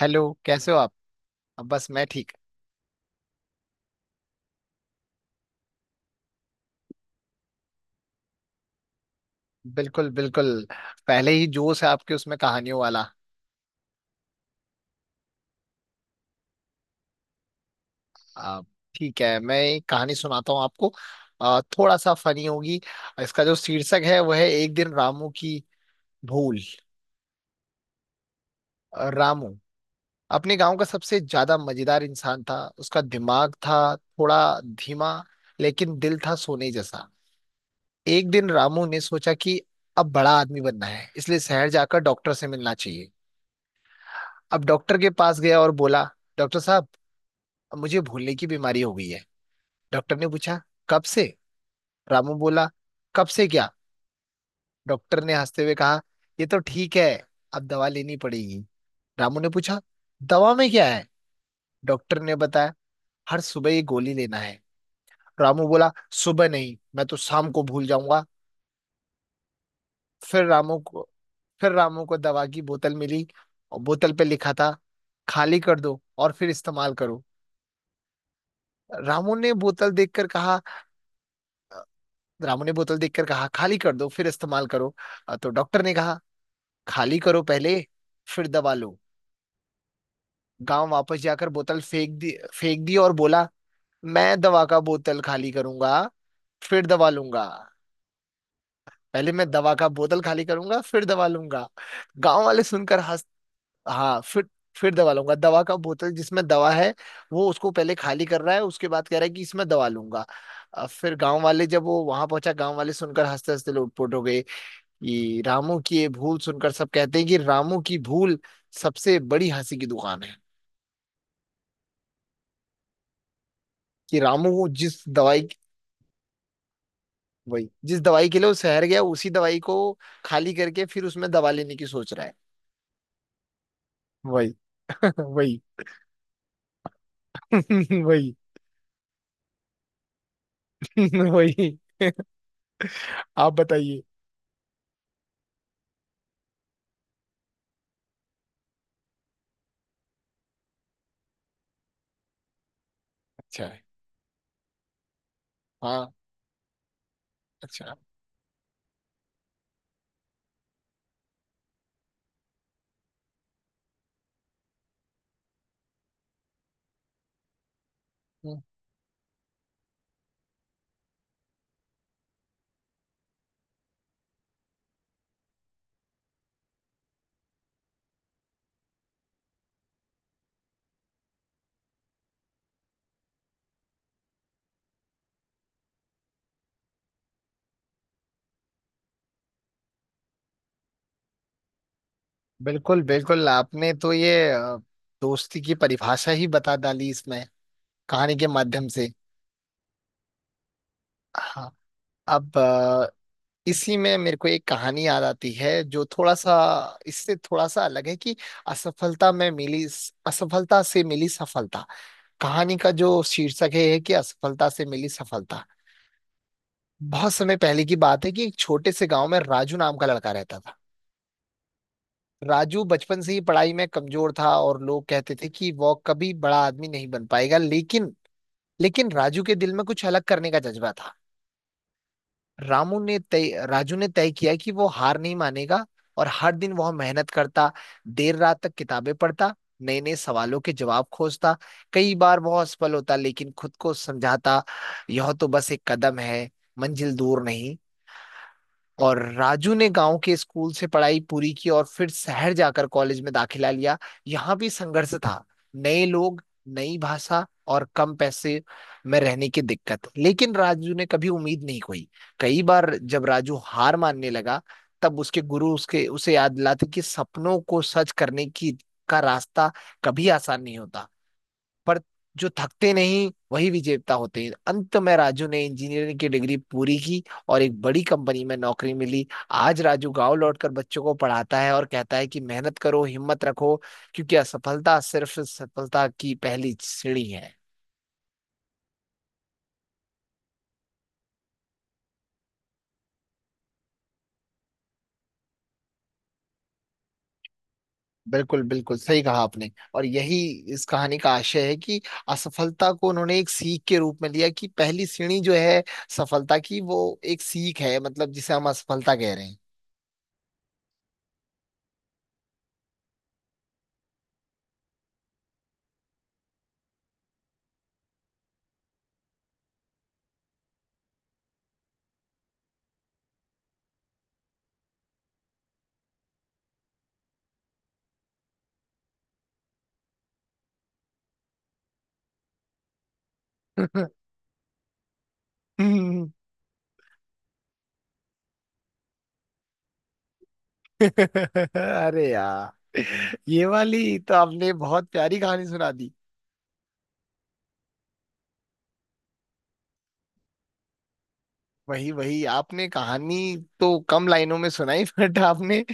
Hello कैसे हो आप। अब बस मैं ठीक। बिल्कुल बिल्कुल। पहले ही जोश है आपके उसमें कहानियों वाला। आ, ठीक है मैं एक कहानी सुनाता हूँ आपको। थोड़ा सा फनी होगी। इसका जो शीर्षक है वह है एक दिन रामू की भूल। रामू अपने गांव का सबसे ज्यादा मजेदार इंसान था। उसका दिमाग था थोड़ा धीमा, लेकिन दिल था सोने जैसा। एक दिन रामू ने सोचा कि अब बड़ा आदमी बनना है, इसलिए शहर जाकर डॉक्टर से मिलना चाहिए। अब डॉक्टर के पास गया और बोला, डॉक्टर साहब, अब मुझे भूलने की बीमारी हो गई है। डॉक्टर ने पूछा, कब से? रामू बोला, कब से क्या? डॉक्टर ने हंसते हुए कहा, ये तो ठीक है, अब दवा लेनी पड़ेगी। रामू ने पूछा, दवा में क्या है? डॉक्टर ने बताया, हर सुबह ये गोली लेना है। रामू बोला, सुबह नहीं, मैं तो शाम को भूल जाऊंगा। फिर रामू को फिर रामू को दवा की बोतल मिली, और बोतल पे लिखा था, खाली कर दो और फिर इस्तेमाल करो। रामू ने बोतल देखकर कहा रामू ने बोतल देखकर कहा, खाली कर दो फिर इस्तेमाल करो। तो डॉक्टर ने कहा, खाली करो पहले फिर दवा लो। गांव वापस जाकर बोतल फेंक दी और बोला, मैं दवा का बोतल खाली करूंगा फिर दवा लूंगा। पहले मैं दवा का बोतल खाली करूंगा फिर दवा लूंगा। गांव वाले सुनकर हंस। हाँ फिर दवा लूंगा। दवा का बोतल जिसमें दवा है, वो उसको पहले खाली कर रहा है, उसके बाद कह रहा है कि इसमें दवा लूंगा। फिर गांव वाले जब वो वहां पहुंचा, गांव वाले सुनकर हंसते हंसते लोटपोट हो गए। ये रामू की ये भूल सुनकर सब कहते हैं कि रामू की भूल सबसे बड़ी हंसी की दुकान है। कि रामू वो जिस दवाई, वही जिस दवाई के लिए वो शहर गया उसी दवाई को खाली करके फिर उसमें दवा लेने की सोच रहा है। वही वही वही वही। आप बताइए। अच्छा है। हाँ। अच्छा। हम्म, बिल्कुल बिल्कुल। आपने तो ये दोस्ती की परिभाषा ही बता डाली इसमें, कहानी के माध्यम से। हाँ। अब इसी में मेरे को एक कहानी याद आती है जो थोड़ा सा, इससे थोड़ा सा अलग है कि असफलता में मिली असफलता से मिली सफलता। कहानी का जो शीर्षक है कि असफलता से मिली सफलता। बहुत समय पहले की बात है कि एक छोटे से गांव में राजू नाम का लड़का रहता था। राजू बचपन से ही पढ़ाई में कमजोर था, और लोग कहते थे कि वो कभी बड़ा आदमी नहीं बन पाएगा, लेकिन लेकिन राजू के दिल में कुछ अलग करने का जज्बा था। रामू ने तय राजू ने तय किया कि वो हार नहीं मानेगा, और हर दिन वह मेहनत करता, देर रात तक किताबें पढ़ता, नए नए सवालों के जवाब खोजता। कई बार वह असफल होता, लेकिन खुद को समझाता, यह तो बस एक कदम है, मंजिल दूर नहीं। और राजू ने गांव के स्कूल से पढ़ाई पूरी की और फिर शहर जाकर कॉलेज में दाखिला लिया। यहाँ भी संघर्ष था, नए लोग, नई भाषा और कम पैसे में रहने की दिक्कत, लेकिन राजू ने कभी उम्मीद नहीं खोई। कई बार जब राजू हार मानने लगा, तब उसके गुरु उसके उसे याद दिलाते कि सपनों को सच करने की का रास्ता कभी आसान नहीं होता, पर जो थकते नहीं वही विजेता होते हैं। अंत में राजू ने इंजीनियरिंग की डिग्री पूरी की और एक बड़ी कंपनी में नौकरी मिली। आज राजू गांव लौटकर बच्चों को पढ़ाता है और कहता है कि मेहनत करो, हिम्मत रखो, क्योंकि असफलता सिर्फ सफलता की पहली सीढ़ी है। बिल्कुल बिल्कुल सही कहा आपने। और यही इस कहानी का आशय है कि असफलता को उन्होंने एक सीख के रूप में लिया कि पहली सीढ़ी जो है सफलता की, वो एक सीख है, मतलब जिसे हम असफलता कह रहे हैं। अरे यार, ये वाली तो आपने बहुत प्यारी कहानी सुना दी। वही वही आपने कहानी तो कम लाइनों में सुनाई, बट आपने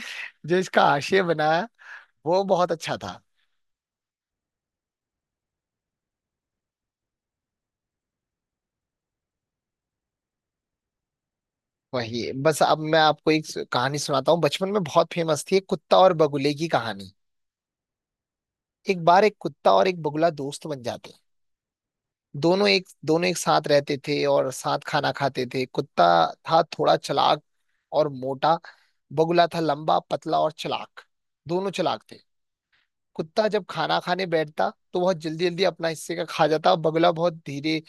जो इसका आशय बनाया वो बहुत अच्छा था। वही, बस अब मैं आपको एक कहानी सुनाता हूँ। बचपन में बहुत फेमस थी, एक कुत्ता और बगुले की कहानी। एक बार एक कुत्ता और एक बगुला दोस्त बन जाते हैं। दोनों एक साथ रहते थे और साथ खाना खाते थे। कुत्ता था थोड़ा चालाक और मोटा, बगुला था लंबा पतला और चालाक। दोनों चालाक थे। कुत्ता जब खाना खाने बैठता तो बहुत जल्दी जल्दी अपना हिस्से का खा जाता, और बगुला बहुत धीरे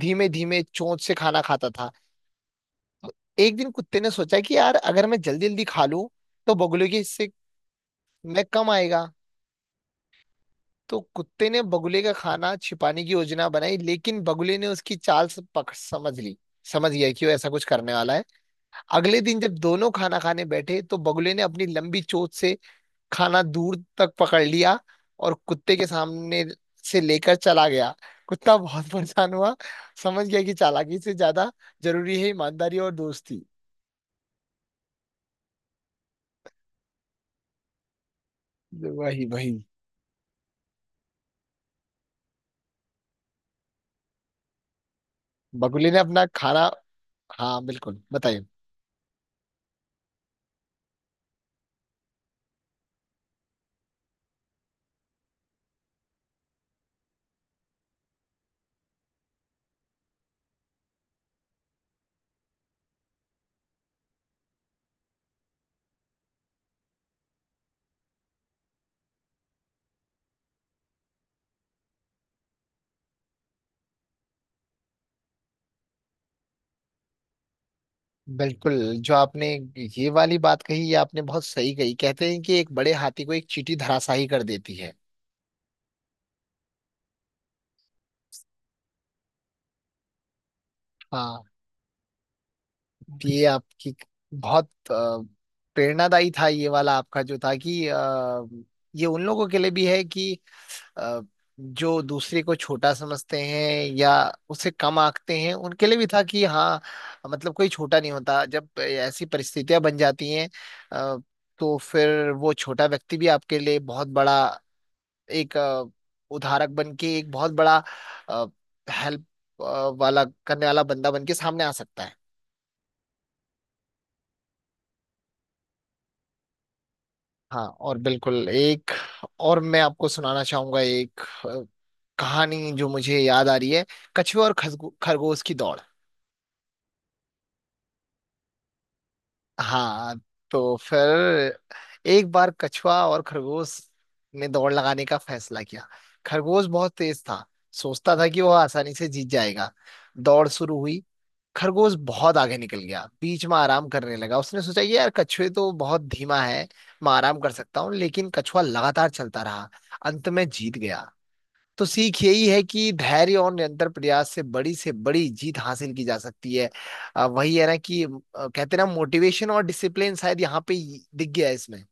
धीमे धीमे चोंच से खाना खाता था। एक दिन कुत्ते ने सोचा कि यार अगर मैं जल्दी जल्दी खा लूं तो बगुले के हिस्से में कम आएगा। तो कुत्ते ने बगुले का खाना छिपाने की योजना बनाई, लेकिन बगुले ने उसकी चाल से पकड़ समझ ली। समझ गया कि वो ऐसा कुछ करने वाला है। अगले दिन जब दोनों खाना खाने बैठे तो बगुले ने अपनी लंबी चोंच से खाना दूर तक पकड़ लिया और कुत्ते के सामने से लेकर चला गया। कुत्ता बहुत परेशान हुआ। समझ गया कि चालाकी से ज्यादा जरूरी है ईमानदारी और दोस्ती। वही वही। बगुले ने अपना खाना। हाँ बिल्कुल बताइए। बिल्कुल। जो आपने ये वाली बात कही, ये आपने बहुत सही कही। कहते हैं कि एक बड़े हाथी को एक चींटी धराशायी कर देती है। हाँ। ये आपकी बहुत प्रेरणादायी था ये वाला आपका जो था कि, ये उन लोगों के लिए भी है कि अ, जो दूसरे को छोटा समझते हैं या उसे कम आंकते हैं, उनके लिए भी था कि हाँ, मतलब कोई छोटा नहीं होता। जब ऐसी परिस्थितियां बन जाती हैं अ, तो फिर वो छोटा व्यक्ति भी आपके लिए बहुत बड़ा एक उधारक बन के एक बहुत बड़ा हेल्प वाला करने वाला बंदा बन के सामने आ सकता है। हाँ और बिल्कुल, एक और मैं आपको सुनाना चाहूंगा एक कहानी जो मुझे याद आ रही है, कछुआ और खरगोश की दौड़। हाँ। तो फिर एक बार कछुआ और खरगोश ने दौड़ लगाने का फैसला किया। खरगोश बहुत तेज था, सोचता था कि वह आसानी से जीत जाएगा। दौड़ शुरू हुई। खरगोश बहुत आगे निकल गया, बीच में आराम करने लगा। उसने सोचा, ये यार कछुए तो बहुत धीमा है, मैं आराम कर सकता हूँ। लेकिन कछुआ लगातार चलता रहा, अंत में जीत गया। तो सीख यही है कि धैर्य और निरंतर प्रयास से बड़ी जीत हासिल की जा सकती है। वही है ना कि कहते हैं ना, मोटिवेशन और डिसिप्लिन शायद यहाँ पे ही दिख गया है इसमें।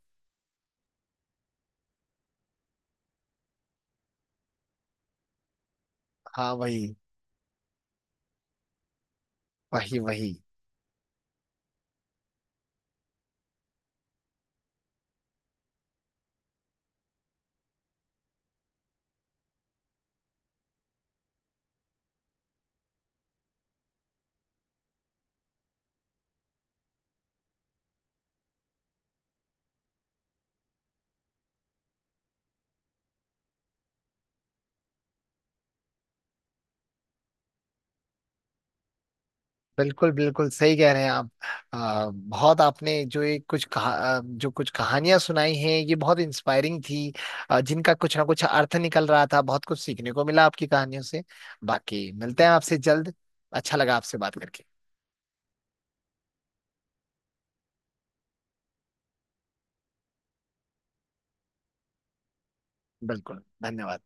हाँ वही, वही। बिल्कुल बिल्कुल सही कह रहे हैं आप। बहुत आपने जो ये कुछ कहा, जो कुछ कहानियां सुनाई हैं ये बहुत इंस्पायरिंग थी। जिनका कुछ ना कुछ अर्थ निकल रहा था, बहुत कुछ सीखने को मिला आपकी कहानियों से। बाकी मिलते हैं आपसे जल्द। अच्छा लगा आपसे बात करके। बिल्कुल धन्यवाद।